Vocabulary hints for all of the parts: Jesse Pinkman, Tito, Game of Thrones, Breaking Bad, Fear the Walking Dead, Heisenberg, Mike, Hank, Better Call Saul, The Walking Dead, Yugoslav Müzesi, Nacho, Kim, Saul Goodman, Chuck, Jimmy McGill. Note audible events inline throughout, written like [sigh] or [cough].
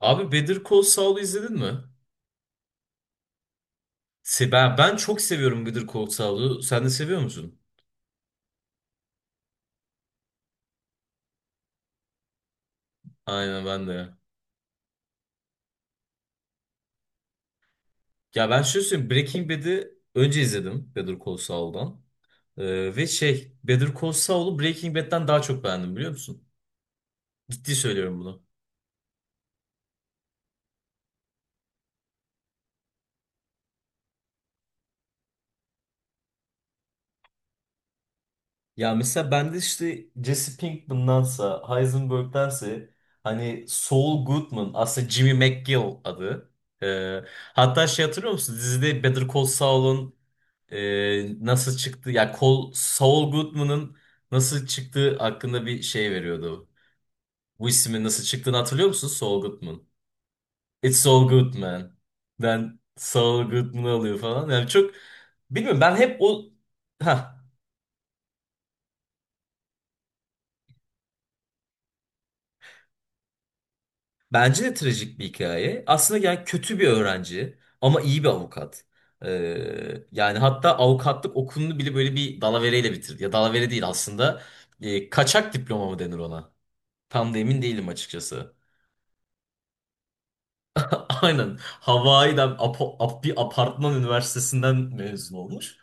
Abi Better Call Saul'u izledin mi? Ben çok seviyorum Better Call Saul'u. Sen de seviyor musun? Aynen ben de. Ya ben şöyle söyleyeyim. Breaking Bad'i önce izledim Better Call Saul'dan. Ve şey Better Call Saul'u Breaking Bad'den daha çok beğendim biliyor musun? Ciddi söylüyorum bunu. Ya mesela ben de işte Jesse Pinkman'dansa Heisenberg'dense hani Saul Goodman aslında Jimmy McGill adı. Ee, Hatta şey hatırlıyor musun? Dizide Better Call Saul'un nasıl çıktı ya Col Saul Goodman'ın nasıl çıktığı hakkında bir şey veriyordu. Bu ismin nasıl çıktığını hatırlıyor musun? Saul Goodman. It's Saul Goodman. Ben Saul Goodman'ı alıyor falan. Yani çok bilmiyorum ben hep o ha bence de trajik bir hikaye. Aslında yani kötü bir öğrenci ama iyi bir avukat. Yani hatta avukatlık okulunu bile böyle bir dalavereyle bitirdi. Ya dalavere değil aslında. Kaçak diploma mı denir ona? Tam da emin değilim açıkçası. [laughs] Aynen. Hawaii'den bir apartman üniversitesinden mezun olmuş.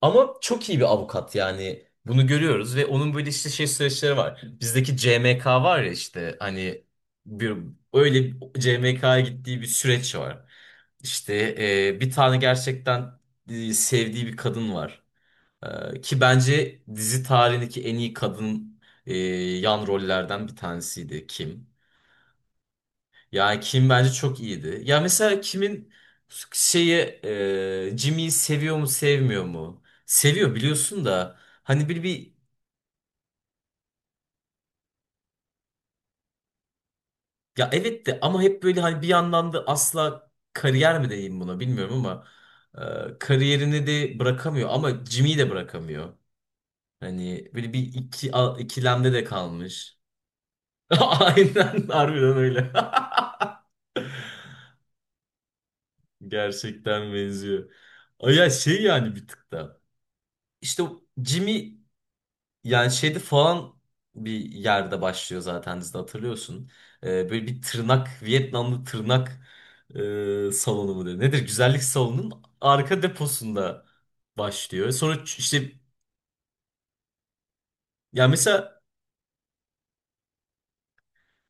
Ama çok iyi bir avukat yani. Bunu görüyoruz ve onun böyle işte şey süreçleri var. Bizdeki CMK var ya işte hani bir öyle CMK'ya gittiği bir süreç var. İşte bir tane gerçekten sevdiği bir kadın var. E, ki bence dizi tarihindeki en iyi kadın yan rollerden bir tanesiydi Kim. Yani Kim bence çok iyiydi. Ya mesela Kim'in şeyi Jimmy'yi seviyor mu sevmiyor mu? Seviyor biliyorsun da hani bir ya evet de ama hep böyle hani bir yandan da asla kariyer mi diyeyim buna bilmiyorum ama kariyerini de bırakamıyor ama Jimmy'yi de bırakamıyor. Hani böyle bir ikilemde de kalmış. [laughs] Aynen harbiden öyle. [laughs] Gerçekten benziyor. Ay ya şey yani bir tık da. İşte o Jimmy yani şeyde falan bir yerde başlıyor zaten dizide hatırlıyorsun. Böyle bir tırnak, Vietnamlı tırnak salonu mu diyor. Nedir? Güzellik salonunun arka deposunda başlıyor. İşte yani mesela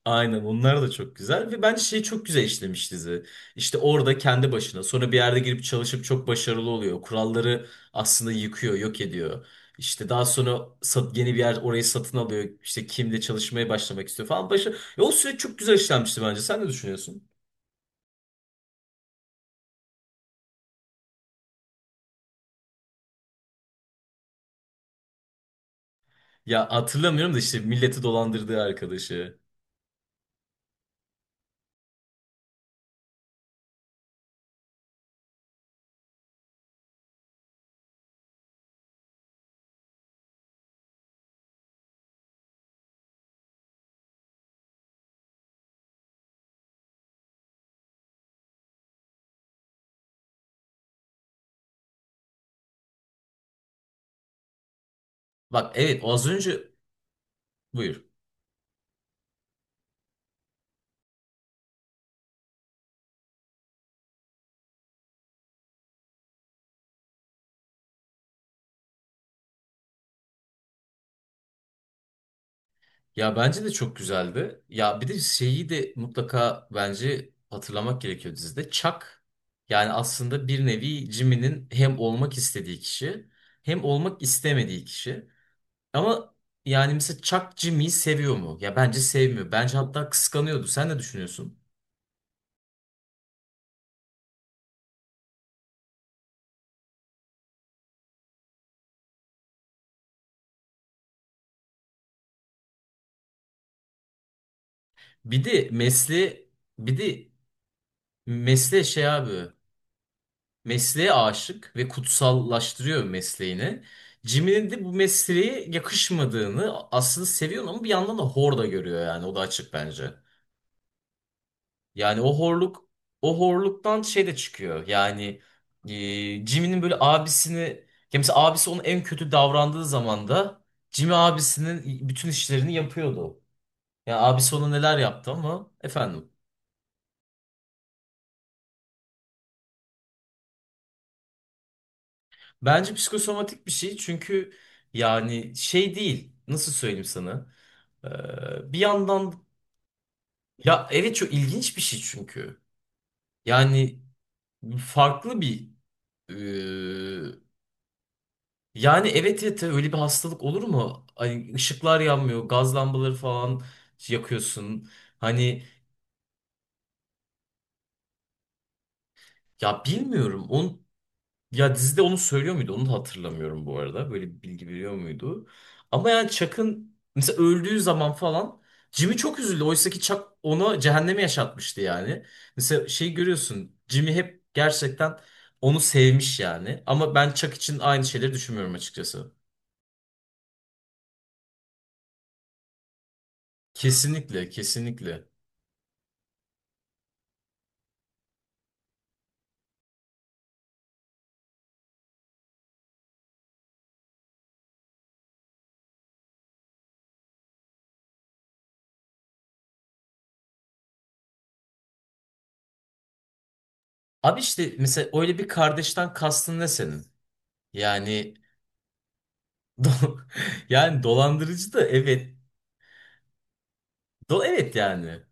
aynen onlar da çok güzel ve bence şeyi çok güzel işlemiş dizi. İşte orada kendi başına sonra bir yerde girip çalışıp çok başarılı oluyor. Kuralları aslında yıkıyor, yok ediyor. Yeni bir yer orayı satın alıyor. İşte kimle çalışmaya başlamak istiyor falan. Başı, ya o süreç çok güzel işlenmişti bence. Sen ne düşünüyorsun? Ya hatırlamıyorum da işte milleti dolandırdığı arkadaşı. Bak evet o az önce buyur. Ya bence de çok güzeldi. Ya bir de şeyi de mutlaka bence hatırlamak gerekiyor dizide. Chuck yani aslında bir nevi Jimmy'nin hem olmak istediği kişi hem olmak istemediği kişi. Ama yani mesela Chuck Jimmy'yi seviyor mu? Ya bence sevmiyor. Bence hatta kıskanıyordu. Sen ne düşünüyorsun? Bir de mesleğe bir de Mesleğe şey abi. Mesleğe aşık ve kutsallaştırıyor mesleğini. Jimmy'nin de bu mesleğe yakışmadığını aslında seviyor ama bir yandan da hor da görüyor yani o da açık bence. Yani o horluktan şey de çıkıyor. Yani Jimmy'nin böyle abisini ya mesela abisi onun en kötü davrandığı zaman da Jimmy abisinin bütün işlerini yapıyordu. Yani abisi ona neler yaptı ama efendim. Bence psikosomatik bir şey çünkü yani şey değil. Nasıl söyleyeyim sana? Bir yandan ya evet çok ilginç bir şey çünkü. Yani farklı bir e, yani evet tabii öyle bir hastalık olur mu? Hani ışıklar yanmıyor, gaz lambaları falan yakıyorsun. Hani ya bilmiyorum. Onu ya dizide onu söylüyor muydu? Onu da hatırlamıyorum bu arada. Böyle bir bilgi veriyor muydu? Ama yani Chuck'ın mesela öldüğü zaman falan Jimmy çok üzüldü. Oysa ki Chuck ona cehennemi yaşatmıştı yani. Mesela şey görüyorsun. Jimmy hep gerçekten onu sevmiş yani. Ama ben Chuck için aynı şeyleri düşünmüyorum açıkçası. Kesinlikle, kesinlikle. Abi işte mesela öyle bir kardeşten kastın ne senin? Yani do- [laughs] yani dolandırıcı da evet. Do evet yani.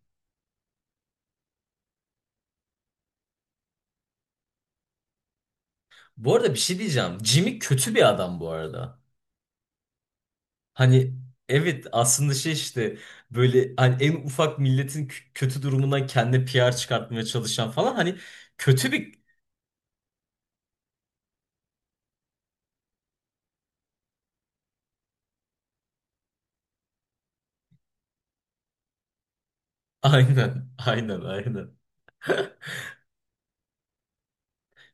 Bu arada bir şey diyeceğim. Jimmy kötü bir adam bu arada. Hani evet aslında şey işte böyle hani en ufak milletin kötü durumundan kendine PR çıkartmaya çalışan falan hani kötü bir [laughs] aynen, aynen, aynen.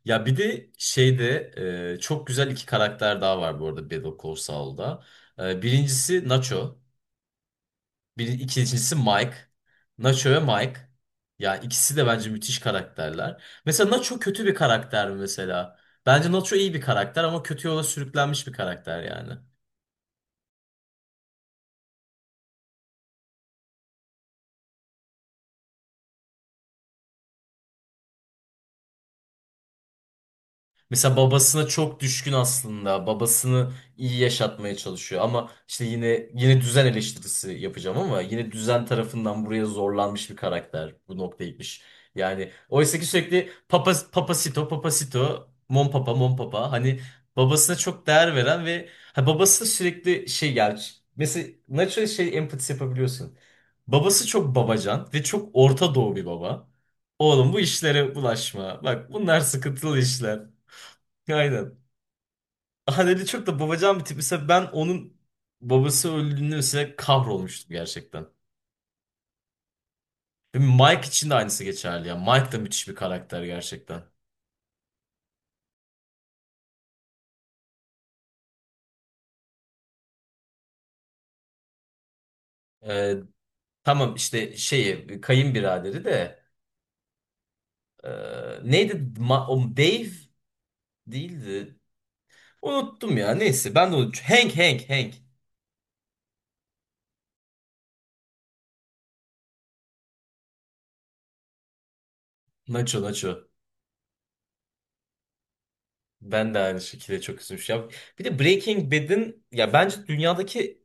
Ya bir de şeyde çok güzel iki karakter daha var bu arada Better Call Saul'da. E, birincisi Nacho. İkincisi Mike. Nacho ve Mike. Ya ikisi de bence müthiş karakterler. Mesela Nacho kötü bir karakter mi mesela? Bence Nacho iyi bir karakter ama kötü yola sürüklenmiş bir karakter yani. Mesela babasına çok düşkün aslında. Babasını iyi yaşatmaya çalışıyor ama işte yine düzen eleştirisi yapacağım ama yine düzen tarafından buraya zorlanmış bir karakter bu noktaya gitmiş. Yani oysa ki sürekli papa, papasito papasito mon papa mon papa hani babasına çok değer veren ve ha, babası sürekli şey yani mesela natural şey empatisi yapabiliyorsun. Babası çok babacan ve çok Orta Doğu bir baba. Oğlum bu işlere bulaşma. Bak bunlar sıkıntılı işler. Aynen. Haneli çok da babacan bir tip. Mesela ben onun babası öldüğünde mesela kahrolmuştum gerçekten. Ve Mike için de aynısı geçerli ya. Mike da müthiş bir karakter gerçekten. Ee, tamam işte şeyi kayınbiraderi de e, neydi? O Dave değildi. Unuttum ya. Neyse ben de unuttum. Hank. Nacho. Ben de aynı şekilde çok üzülmüş. Ya bir de Breaking Bad'in ya bence dünyadaki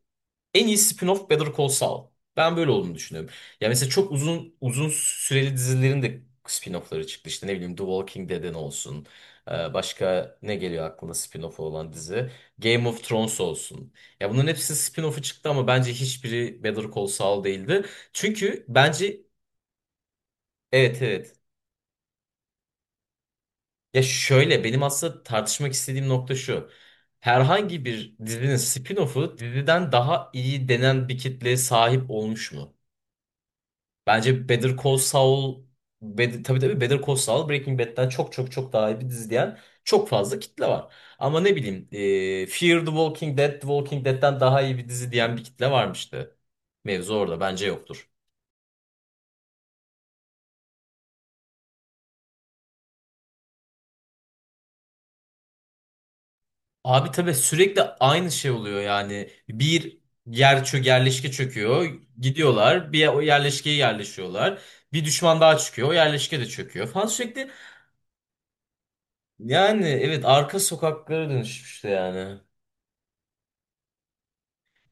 en iyi spin-off Better Call Saul. Ben böyle olduğunu düşünüyorum. Ya mesela çok uzun süreli dizilerin de spin-off'ları çıktı. İşte ne bileyim The Walking Dead'in olsun. Başka ne geliyor aklına spin-off olan dizi? Game of Thrones olsun. Ya bunların hepsi spin-off'u çıktı ama bence hiçbiri Better Call Saul değildi. Çünkü bence evet, evet. Ya şöyle benim aslında tartışmak istediğim nokta şu. Herhangi bir dizinin spin-off'u diziden daha iyi denen bir kitleye sahip olmuş mu? Bence Better Call Saul tabii tabii Better Call Saul Breaking Bad'den çok çok çok daha iyi bir dizi diyen çok fazla kitle var. Ama ne bileyim Fear the Walking Dead, The Walking Dead'den daha iyi bir dizi diyen bir kitle varmıştı. Mevzu orada bence yoktur. Abi tabii sürekli aynı şey oluyor yani. Bir yerleşke çöküyor. Gidiyorlar bir o yerleşkeye yerleşiyorlar. Bir düşman daha çıkıyor. O yerleşke de çöküyor falan sürekli. Yani evet arka sokaklara dönüşmüştü yani.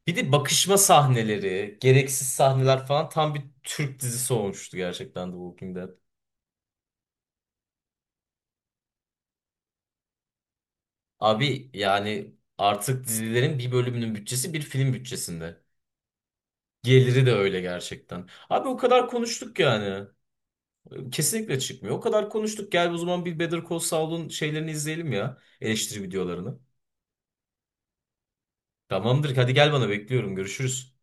Bir de bakışma sahneleri, gereksiz sahneler falan tam bir Türk dizisi olmuştu gerçekten The Walking Dead. Abi yani artık dizilerin bir bölümünün bütçesi bir film bütçesinde. Geliri de öyle gerçekten. Abi o kadar konuştuk yani. Kesinlikle çıkmıyor. O kadar konuştuk. Gel o zaman bir Better Call Saul'un şeylerini izleyelim ya. Eleştiri videolarını. Tamamdır. Hadi gel bana bekliyorum. Görüşürüz.